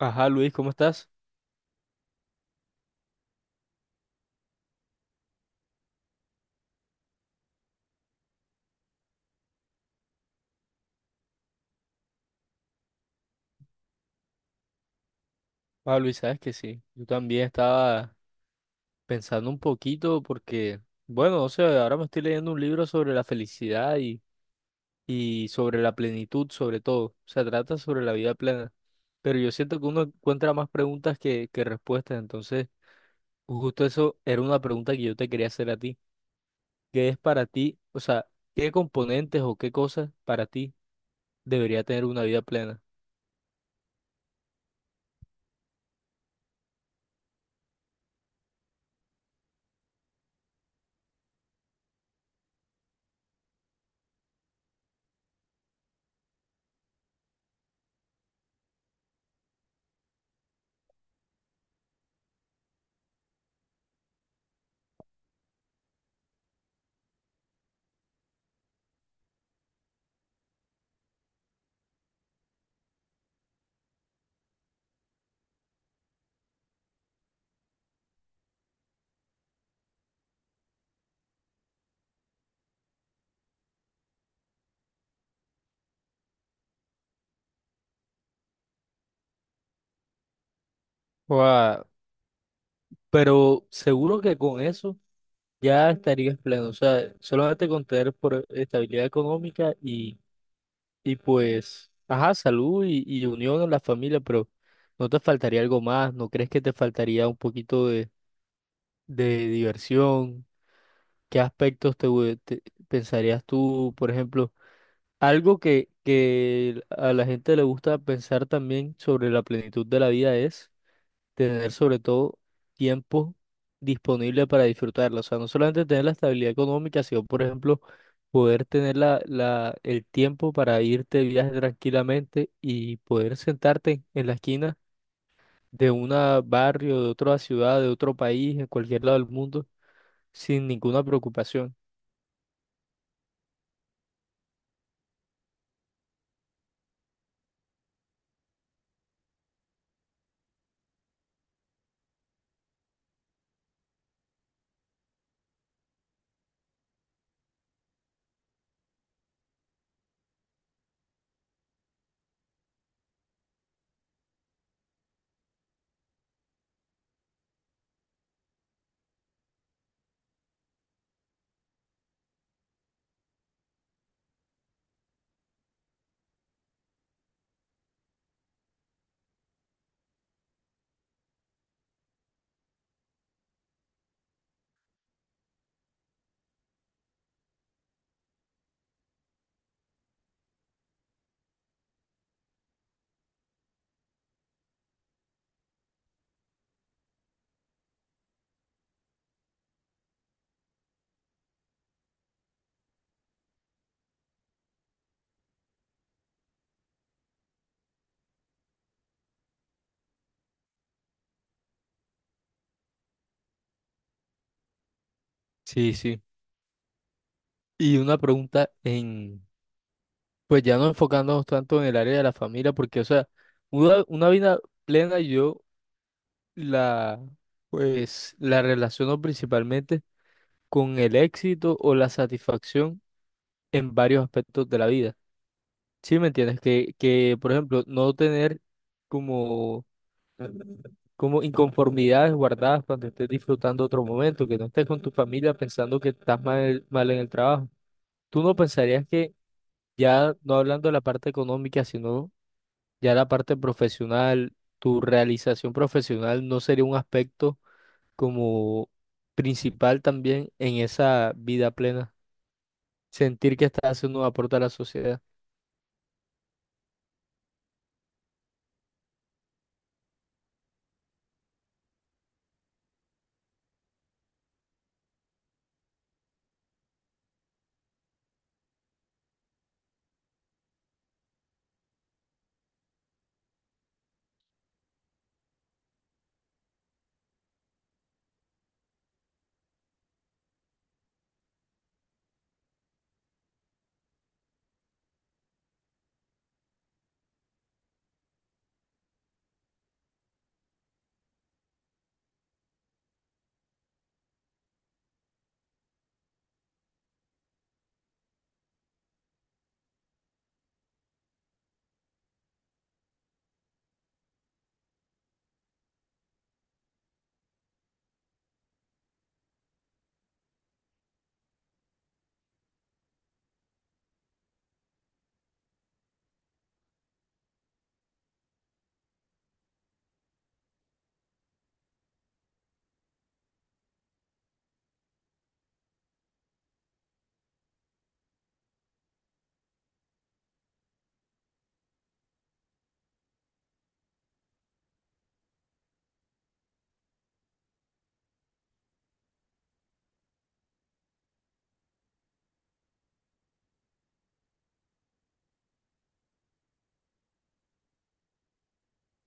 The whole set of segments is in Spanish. Ajá, Luis, ¿cómo estás? Ah, Luis, sabes que sí. Yo también estaba pensando un poquito porque, bueno, o sea, ahora me estoy leyendo un libro sobre la felicidad y sobre la plenitud, sobre todo. Se trata sobre la vida plena. Pero yo siento que uno encuentra más preguntas que respuestas. Entonces, justo eso era una pregunta que yo te quería hacer a ti. ¿Qué es para ti? O sea, ¿qué componentes o qué cosas para ti debería tener una vida plena? Guau, pero seguro que con eso ya estarías pleno. O sea, solamente con tener por estabilidad económica y pues, ajá, salud y unión en la familia, pero ¿no te faltaría algo más? ¿No crees que te faltaría un poquito de diversión? ¿Qué aspectos te, pensarías tú, por ejemplo? Algo que a la gente le gusta pensar también sobre la plenitud de la vida es tener sobre todo tiempo disponible para disfrutarla. O sea, no solamente tener la estabilidad económica, sino, por ejemplo, poder tener el tiempo para irte de viaje tranquilamente y poder sentarte en la esquina de un barrio, de otra ciudad, de otro país, en cualquier lado del mundo, sin ninguna preocupación. Sí, sí. Y una pregunta en, pues ya no enfocándonos tanto en el área de la familia, porque, o sea, una vida plena, La, pues, la relaciono principalmente con el éxito o la satisfacción en varios aspectos de la vida. ¿Sí me entiendes? Por ejemplo, no tener como, como inconformidades guardadas cuando estés disfrutando otro momento, que no estés con tu familia pensando que estás mal, mal en el trabajo. ¿Tú no pensarías que ya, no hablando de la parte económica, sino ya la parte profesional, tu realización profesional no sería un aspecto como principal también en esa vida plena, sentir que estás haciendo un aporte a la sociedad?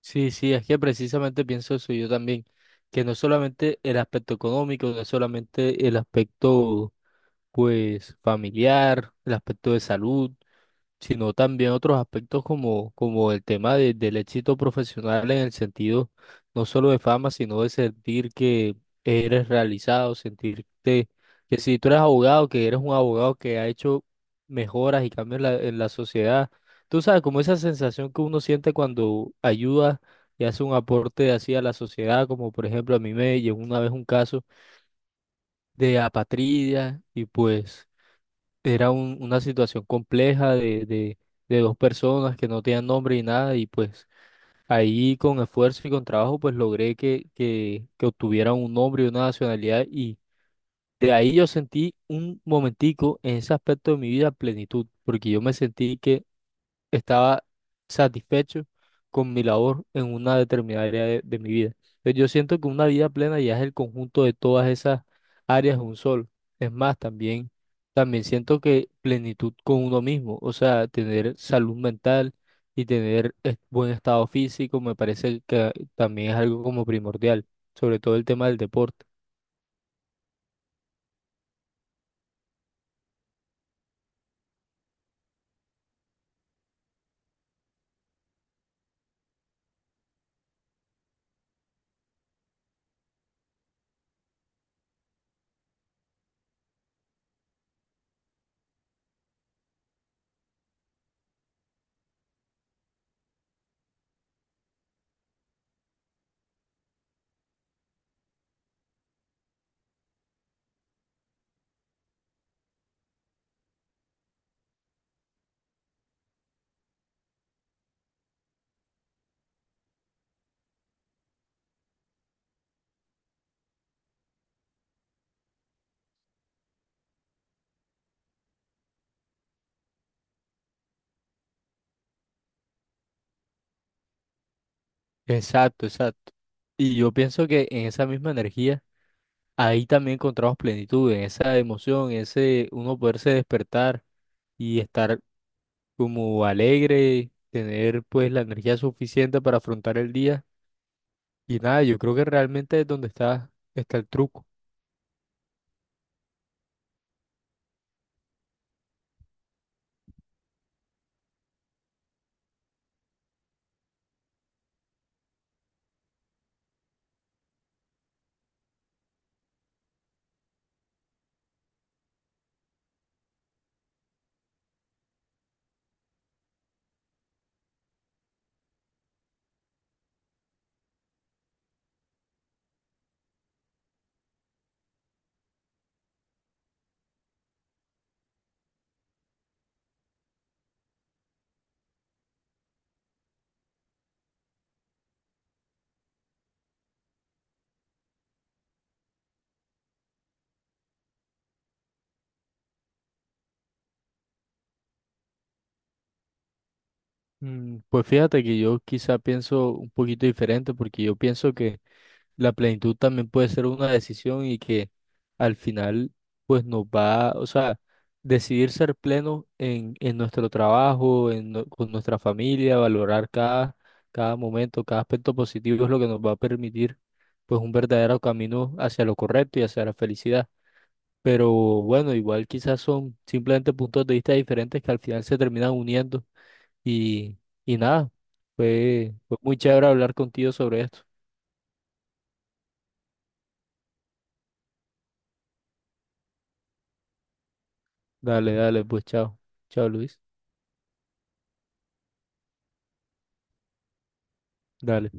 Sí, sí, es que precisamente pienso eso yo también, que no es solamente el aspecto económico, no es solamente el aspecto pues familiar, el aspecto de salud, sino también otros aspectos como, como el tema del éxito profesional en el sentido no solo de fama, sino de sentir que eres realizado, sentirte que si tú eres abogado, que eres un abogado que ha hecho mejoras y cambios en la sociedad. Tú sabes, como esa sensación que uno siente cuando ayuda y hace un aporte así a la sociedad, como por ejemplo a mí me llegó una vez un caso de apatridia y pues... Era una situación compleja de dos personas que no tenían nombre y nada, y pues ahí con esfuerzo y con trabajo, pues logré que obtuvieran un nombre y una nacionalidad, y de ahí yo sentí un momentico en ese aspecto de mi vida plenitud, porque yo me sentí que estaba satisfecho con mi labor en una determinada área de mi vida. Entonces, yo siento que una vida plena ya es el conjunto de todas esas áreas de un solo. Es más, también, también siento que plenitud con uno mismo, o sea, tener salud mental y tener buen estado físico, me parece que también es algo como primordial, sobre todo el tema del deporte. Exacto, exacto. Y yo pienso que en esa misma energía ahí también encontramos plenitud, en esa emoción, en ese uno poderse despertar y estar como alegre, tener pues la energía suficiente para afrontar el día. Y nada, yo creo que realmente es donde está el truco. Mm, pues fíjate que yo quizá pienso un poquito diferente porque yo pienso que la plenitud también puede ser una decisión y que al final pues nos va, o sea, decidir ser pleno en nuestro trabajo, con nuestra familia, valorar cada momento, cada aspecto positivo es lo que nos va a permitir pues un verdadero camino hacia lo correcto y hacia la felicidad. Pero bueno, igual quizás son simplemente puntos de vista diferentes que al final se terminan uniendo y, y nada, fue muy chévere hablar contigo sobre esto. Dale, dale, pues chao. Chao, Luis. Dale.